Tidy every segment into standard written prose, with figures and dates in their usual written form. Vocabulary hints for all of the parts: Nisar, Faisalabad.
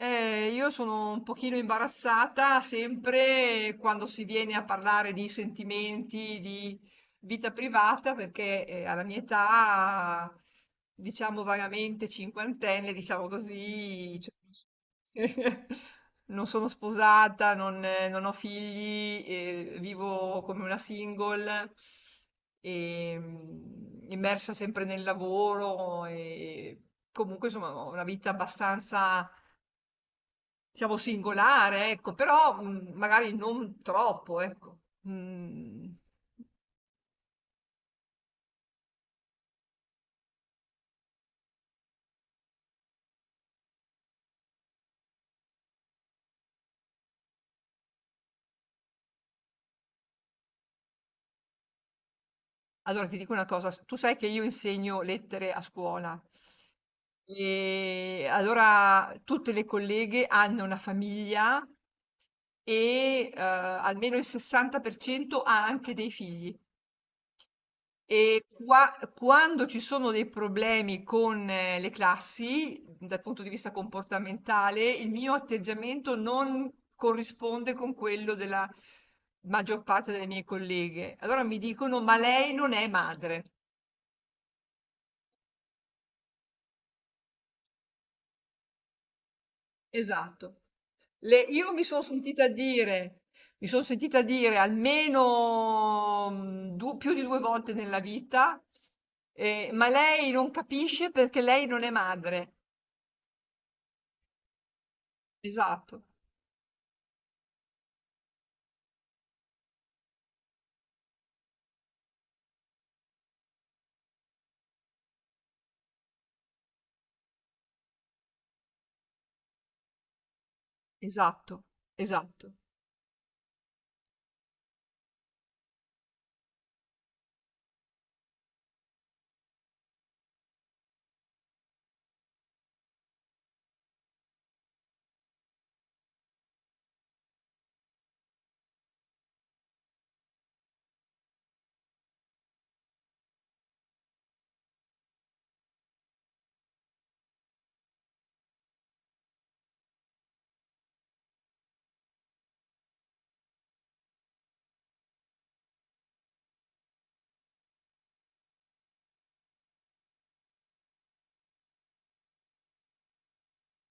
Io sono un pochino imbarazzata sempre quando si viene a parlare di sentimenti, di vita privata, perché alla mia età, diciamo vagamente cinquantenne, diciamo così, cioè, non sono sposata, non ho figli, vivo come una single, e immersa sempre nel lavoro e comunque insomma ho una vita abbastanza diciamo singolare, ecco, però, magari non troppo, ecco. Mhmm, allora ti dico una cosa, s tu sai che io insegno lettere a scuola e allora tutte le colleghe hanno una famiglia e, almeno il 60% ha anche dei figli. E qua quando ci sono dei problemi con le classi, dal punto di vista comportamentale, il mio atteggiamento non corrisponde con quello della maggior parte delle mie colleghe. Allora mi dicono, ma lei non è madre. Esatto. Io mi sono sentita dire, mi sono sentita dire almeno più di due volte nella vita, ma lei non capisce perché lei non è madre. Esatto. Esatto, esatto.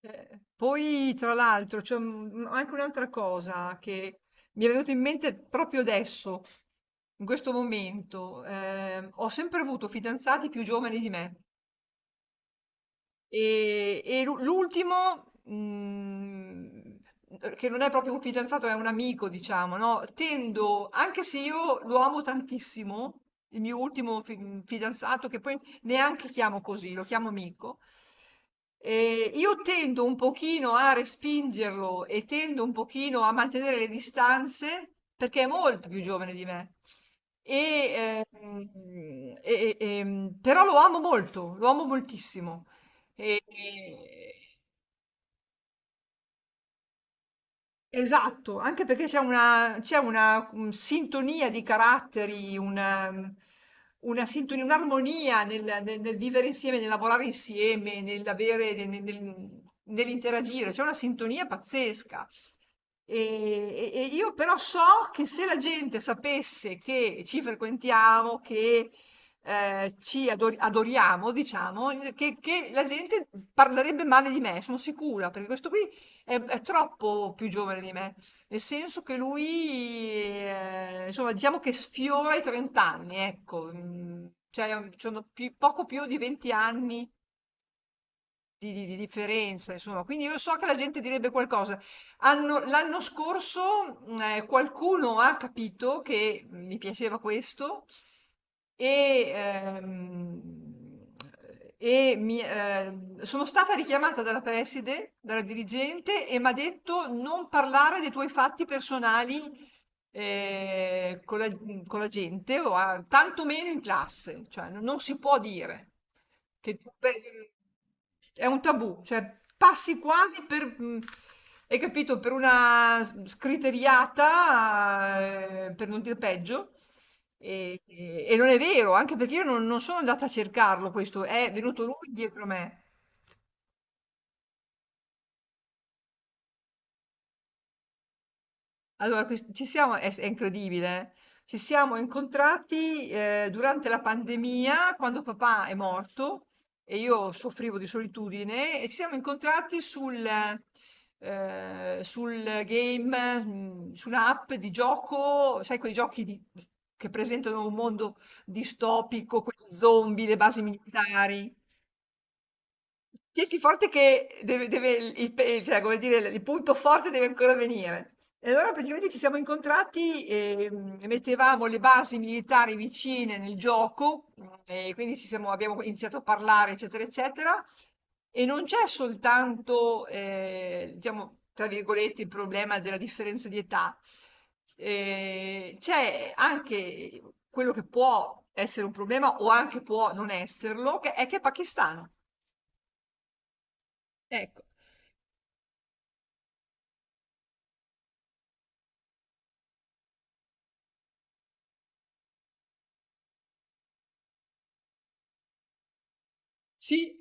Poi tra l'altro c'è anche un'altra cosa che mi è venuta in mente proprio adesso, in questo momento. Ho sempre avuto fidanzati più giovani di me. L'ultimo, che non è proprio un fidanzato, è un amico diciamo, no, tendo anche se io lo amo tantissimo, il mio ultimo fi fidanzato, che poi neanche chiamo così, lo chiamo amico, io tendo un pochino a respingerlo e tendo un pochino a mantenere le distanze, perché è molto più giovane di me. E, ehm, Però lo amo molto, lo amo moltissimo. E- esatto, anche perché c'è una, c'è una sintonia di caratteri, una sintonia, un'armonia nel, nel vivere insieme, nel lavorare insieme, nell'avere, nell'interagire, c'è una sintonia pazzesca. E, e io però so che se la gente sapesse che ci frequentiamo, che adoriamo, diciamo, che la gente parlerebbe male di me, sono sicura, perché questo qui è troppo più giovane di me, nel senso che lui, insomma, diciamo che sfiora i 30 anni, ecco, sono poco più di 20 anni di differenza insomma, quindi io so che la gente direbbe qualcosa. Hanno l'anno scorso, qualcuno ha capito che mi piaceva questo e, ehm, e mi sono stata richiamata dalla preside, dalla dirigente e m'ha detto: "Non parlare dei tuoi fatti personali, con la con la gente o a tanto meno in classe, cioè no non si può dire". Che tu pe- è un tabù, cioè passi quasi per, hai capito, per una scriteriata, per non dire peggio. E non è vero, anche perché io non sono andata a cercarlo, questo è venuto lui dietro me. Allora ques Ci siamo è incredibile. Eh. Ci siamo incontrati, durante la pandemia, quando papà è morto e io soffrivo di solitudine, e ci siamo incontrati sul sul game, su un'app di gioco, sai quei giochi di che presentano un mondo distopico, quelli zombie, le basi militari. Tienti forte che deve deve il pe cioè come dire, il punto forte deve ancora venire. E allora praticamente ci siamo incontrati, mettevamo le basi militari vicine nel gioco, e quindi ci siamo abbiamo iniziato a parlare, eccetera, eccetera, e non c'è soltanto, diciamo, tra virgolette, "il problema della differenza di età", c'è anche quello che può essere un problema o anche può non esserlo, che è pakistano. Ecco. Sì,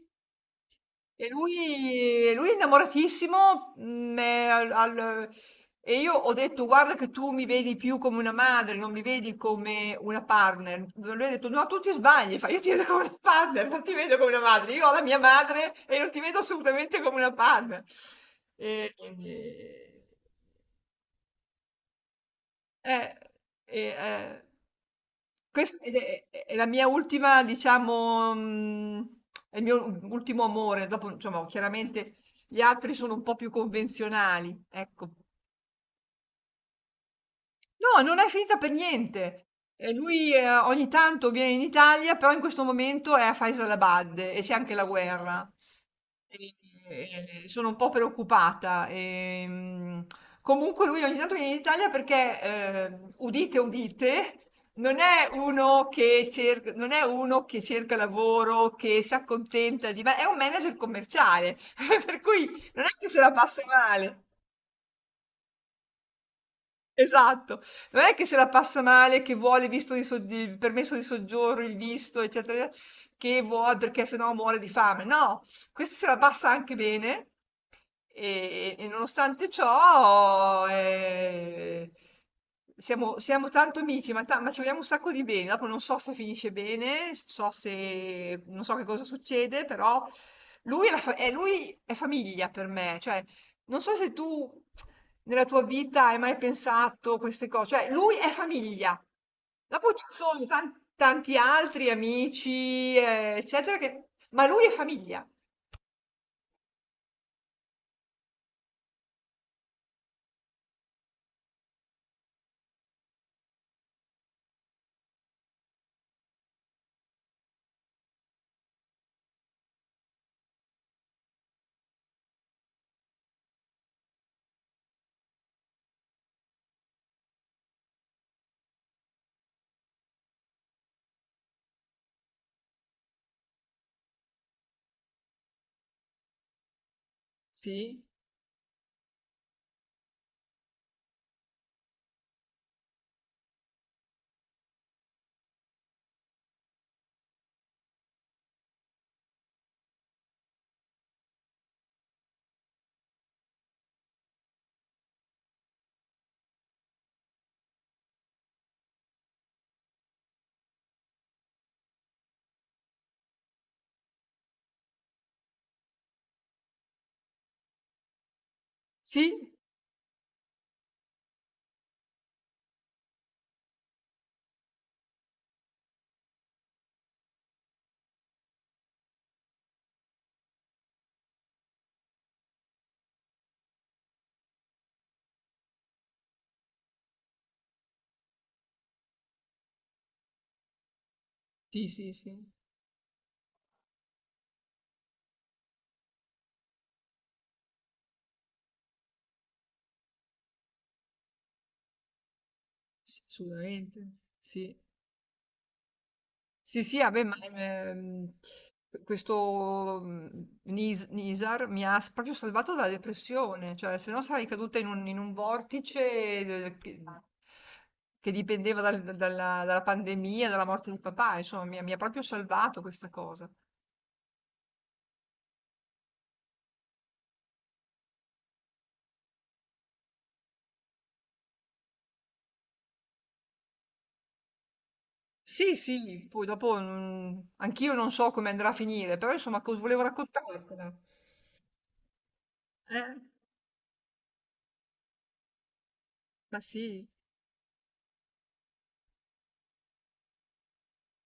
e lui è innamoratissimo, mhmm, al al e io ho detto: "Guarda che tu mi vedi più come una madre, non mi vedi come una partner". Lui ha detto: "No, tu ti sbagli", fa: "Io ti vedo come una partner, non ti vedo come una madre. Io ho la mia madre e non ti vedo assolutamente come una partner". E e- eh, e ehm Questa ed è la mia ultima diciamo è il mio u ultimo amore. Dopo, insomma, chiaramente gli altri sono un po' più convenzionali, ecco. No, non è finita per niente. Lui, ogni tanto viene in Italia, però in questo momento è a Faisalabad e c'è anche la guerra. E e sono un po' preoccupata. Comunque lui ogni tanto viene in Italia perché, udite, udite, non è uno che cerc non è uno che cerca lavoro, che si accontenta di ma è un manager commerciale, per cui non è che se la passa male. Esatto. Non è che se la passa male, che vuole il permesso di soggiorno, il visto, eccetera, eccetera, che vuole perché sennò muore di fame. No, questa se la passa anche bene e nonostante ciò siamo, siamo tanto amici, ma ci vogliamo un sacco di bene. Dopo non so se finisce bene, so se, non so che cosa succede, però lui è, la fa- è- lui è famiglia per me, cioè non so se tu nella tua vita hai mai pensato queste cose, cioè lui è famiglia, dopo ci sono tanti altri amici, eccetera, che... ma lui è famiglia. Sì, sì, sì, sì, sì, sì, assolutamente, sì. Sì, sì, vabbè, questo mm, Nisar mi ha proprio salvato dalla depressione, cioè se no sarei caduta in un vortice che dipendeva dalla, dalla pandemia, dalla morte di papà, insomma, mi ha proprio salvato questa cosa. Sì, sì, poi dopo anch'io non so come andrà a finire, però insomma, volevo raccontartela. Eh, ma sì.